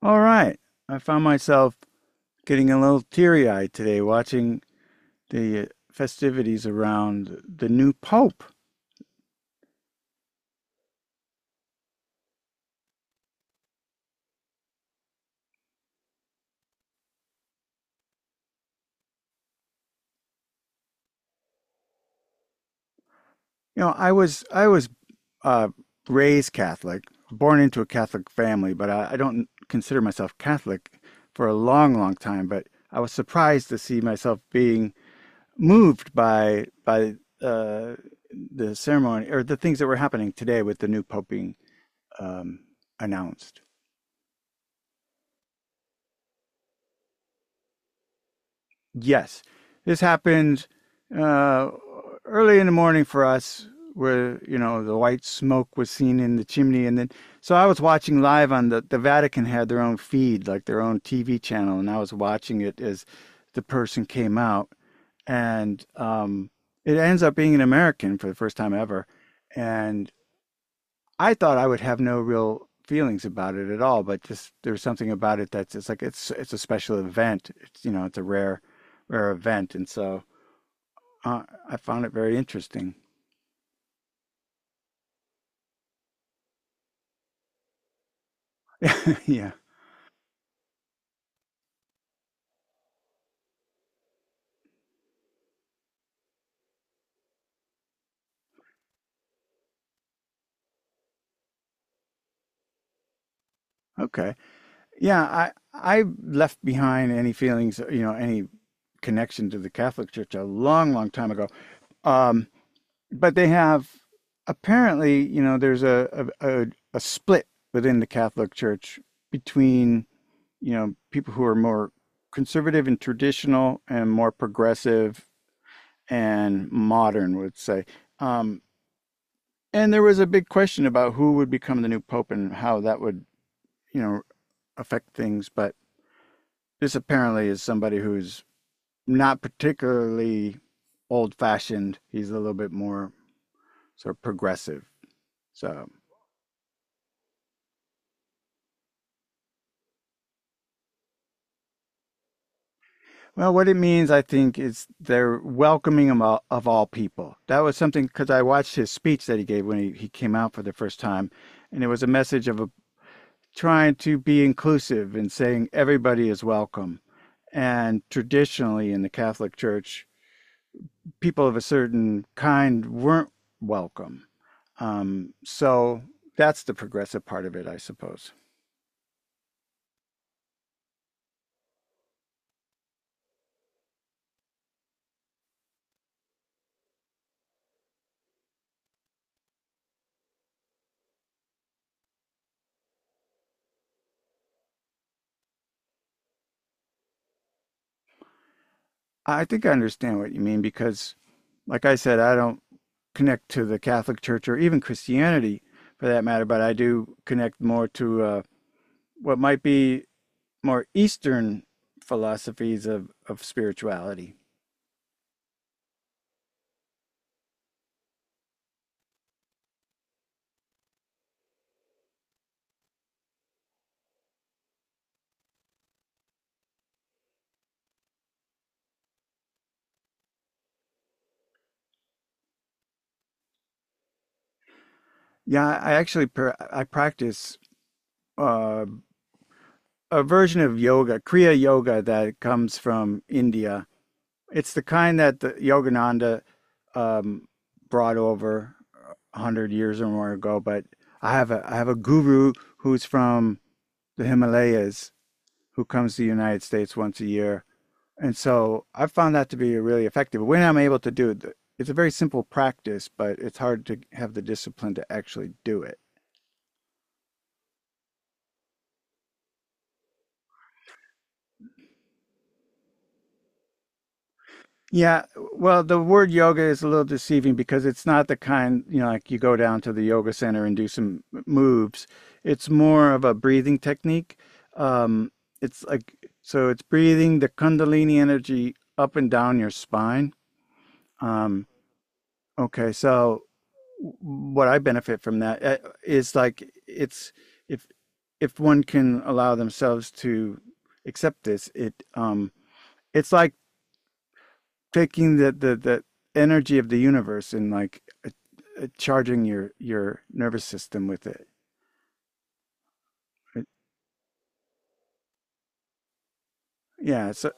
All right. I found myself getting a little teary eyed today watching the festivities around the new pope. You know, I was uh, raised Catholic, born into a Catholic family, but I don't consider myself Catholic for a long, long time. But I was surprised to see myself being moved by uh, the ceremony or the things that were happening today with the new pope being um, announced. Yes, this happened uh, early in the morning for us, where you know the white smoke was seen in the chimney, and then so I was watching live on the Vatican had their own feed, like their own TV channel, and I was watching it as the person came out, and it ends up being an American for the first time ever, and I thought I would have no real feelings about it at all, but just there's something about it that's it's like it's a special event. It's you know it's a rare rare event, and so I found it very interesting. Yeah. Okay. Yeah. I left behind any feelings, you know, any connection to the Catholic Church a long, long time ago. Um, but they have apparently, you know, there's a split within the Catholic Church between, you know, people who are more conservative and traditional and more progressive and modern would say. Um, and there was a big question about who would become the new pope and how that would, you know, affect things. But this apparently is somebody who's not particularly old fashioned. He's a little bit more sort of progressive. So. Well, what it means, I think, is they're welcoming him all, of all people. That was something because I watched his speech that he gave when he came out for the first time, and it was a message of a, trying to be inclusive and saying everybody is welcome. And traditionally in the Catholic Church, people of a certain kind weren't welcome. So that's the progressive part of it, I suppose. I think I understand what you mean because, like I said, I don't connect to the Catholic Church or even Christianity for that matter, but I do connect more to what might be more Eastern philosophies of spirituality. Yeah, I practice uh, a version of yoga, Kriya Yoga, that comes from India. It's the kind that the Yogananda um, brought over a hundred years or more ago. But I have a guru who's from the Himalayas, who comes to the United States once a year. And so I found that to be really effective. When I'm able to do it, it's a very simple practice, but it's hard to have the discipline to actually do it. Yeah, well, the word yoga is a little deceiving because it's not the kind, you know, like you go down to the yoga center and do some moves. It's more of a breathing technique. Um, it's like, so it's breathing the Kundalini energy up and down your spine. Um, okay, so what I benefit from that is like it's if if one can allow themselves to accept this, it's like taking the the energy of the universe and charging your nervous system with it. It- yeah. So,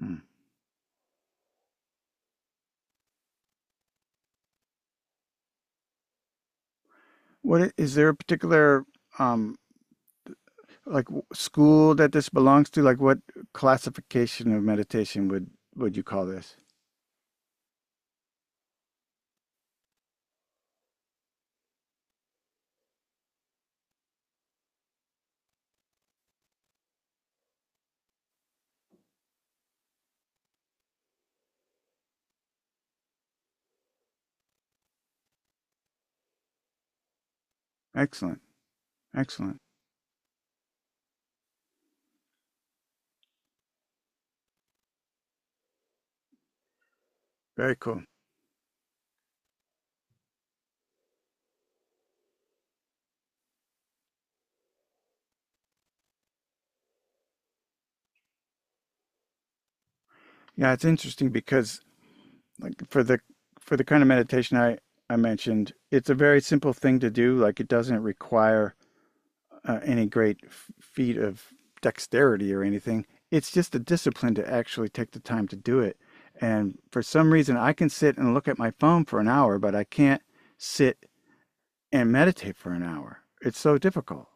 mm. What is there a particular um like school that this belongs to? Like, what classification of meditation would you call this? Excellent. Excellent. Very cool. Yeah, it's interesting because like for the kind of meditation I mentioned, it's a very simple thing to do. Like it doesn't require any great feat of dexterity or anything. It's just a discipline to actually take the time to do it. And for some reason, I can sit and look at my phone for an hour, but I can't sit and meditate for an hour. It's so difficult.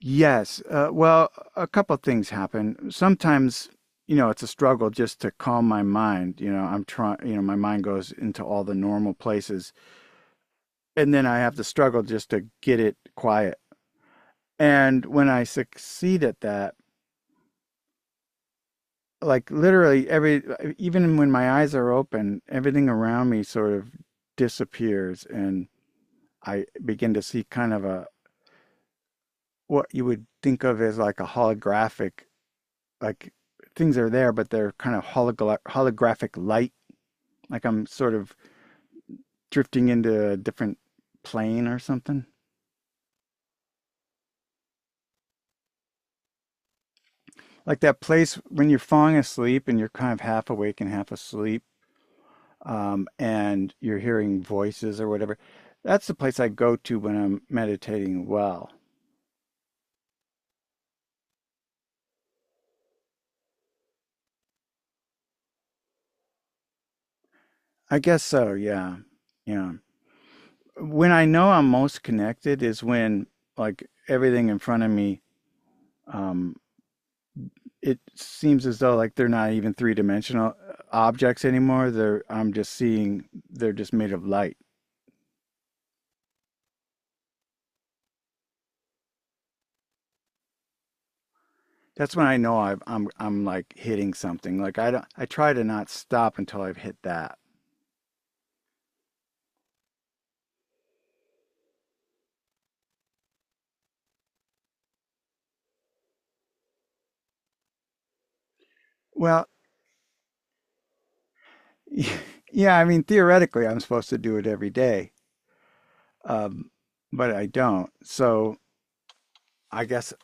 Yes. Well, a couple of things happen. Sometimes, you know, it's a struggle just to calm my mind. You know, I'm trying, you know, my mind goes into all the normal places. And then I have to struggle just to get it quiet. And when I succeed at that, like literally every, even when my eyes are open, everything around me sort of disappears. And I begin to see kind of what you would think of as like a holographic, like things are there, but they're kind of holographic light. Like I'm sort of drifting into a different plane or something. Like that place when you're falling asleep and you're kind of half awake and half asleep, and you're hearing voices or whatever. That's the place I go to when I'm meditating well. I guess so, yeah. Yeah. When I know I'm most connected is when like everything in front of me um, it seems as though like they're not even three-dimensional objects anymore. They're I'm just seeing they're just made of light. That's when I know I'm like hitting something. Like I try to not stop until I've hit that. Well, yeah, I mean theoretically I'm supposed to do it every day, um, but I don't. So I guess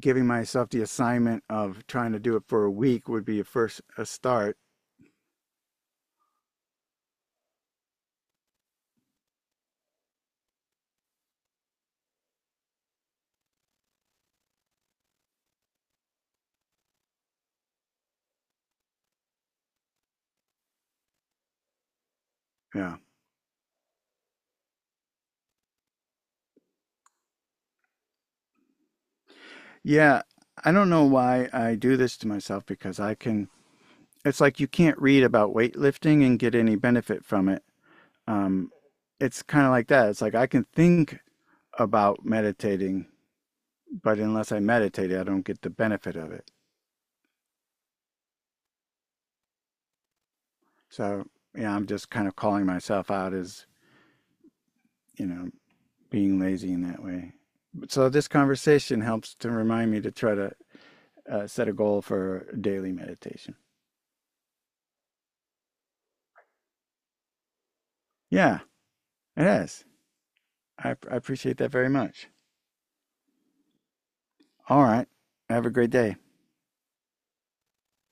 giving myself the assignment of trying to do it for a week would be a start. Yeah, yeah. I don't know why I do this to myself because I can it's like you can't read about weightlifting and get any benefit from it. Um, it's kind of like that. It's like I can think about meditating, but unless I meditate, I don't get the benefit of it. So, yeah, I'm just kind of calling myself out as, you know, being lazy in that way. So, this conversation helps to remind me to try to set a goal for daily meditation. Yeah, it is. I appreciate that very much. All right. Have a great day.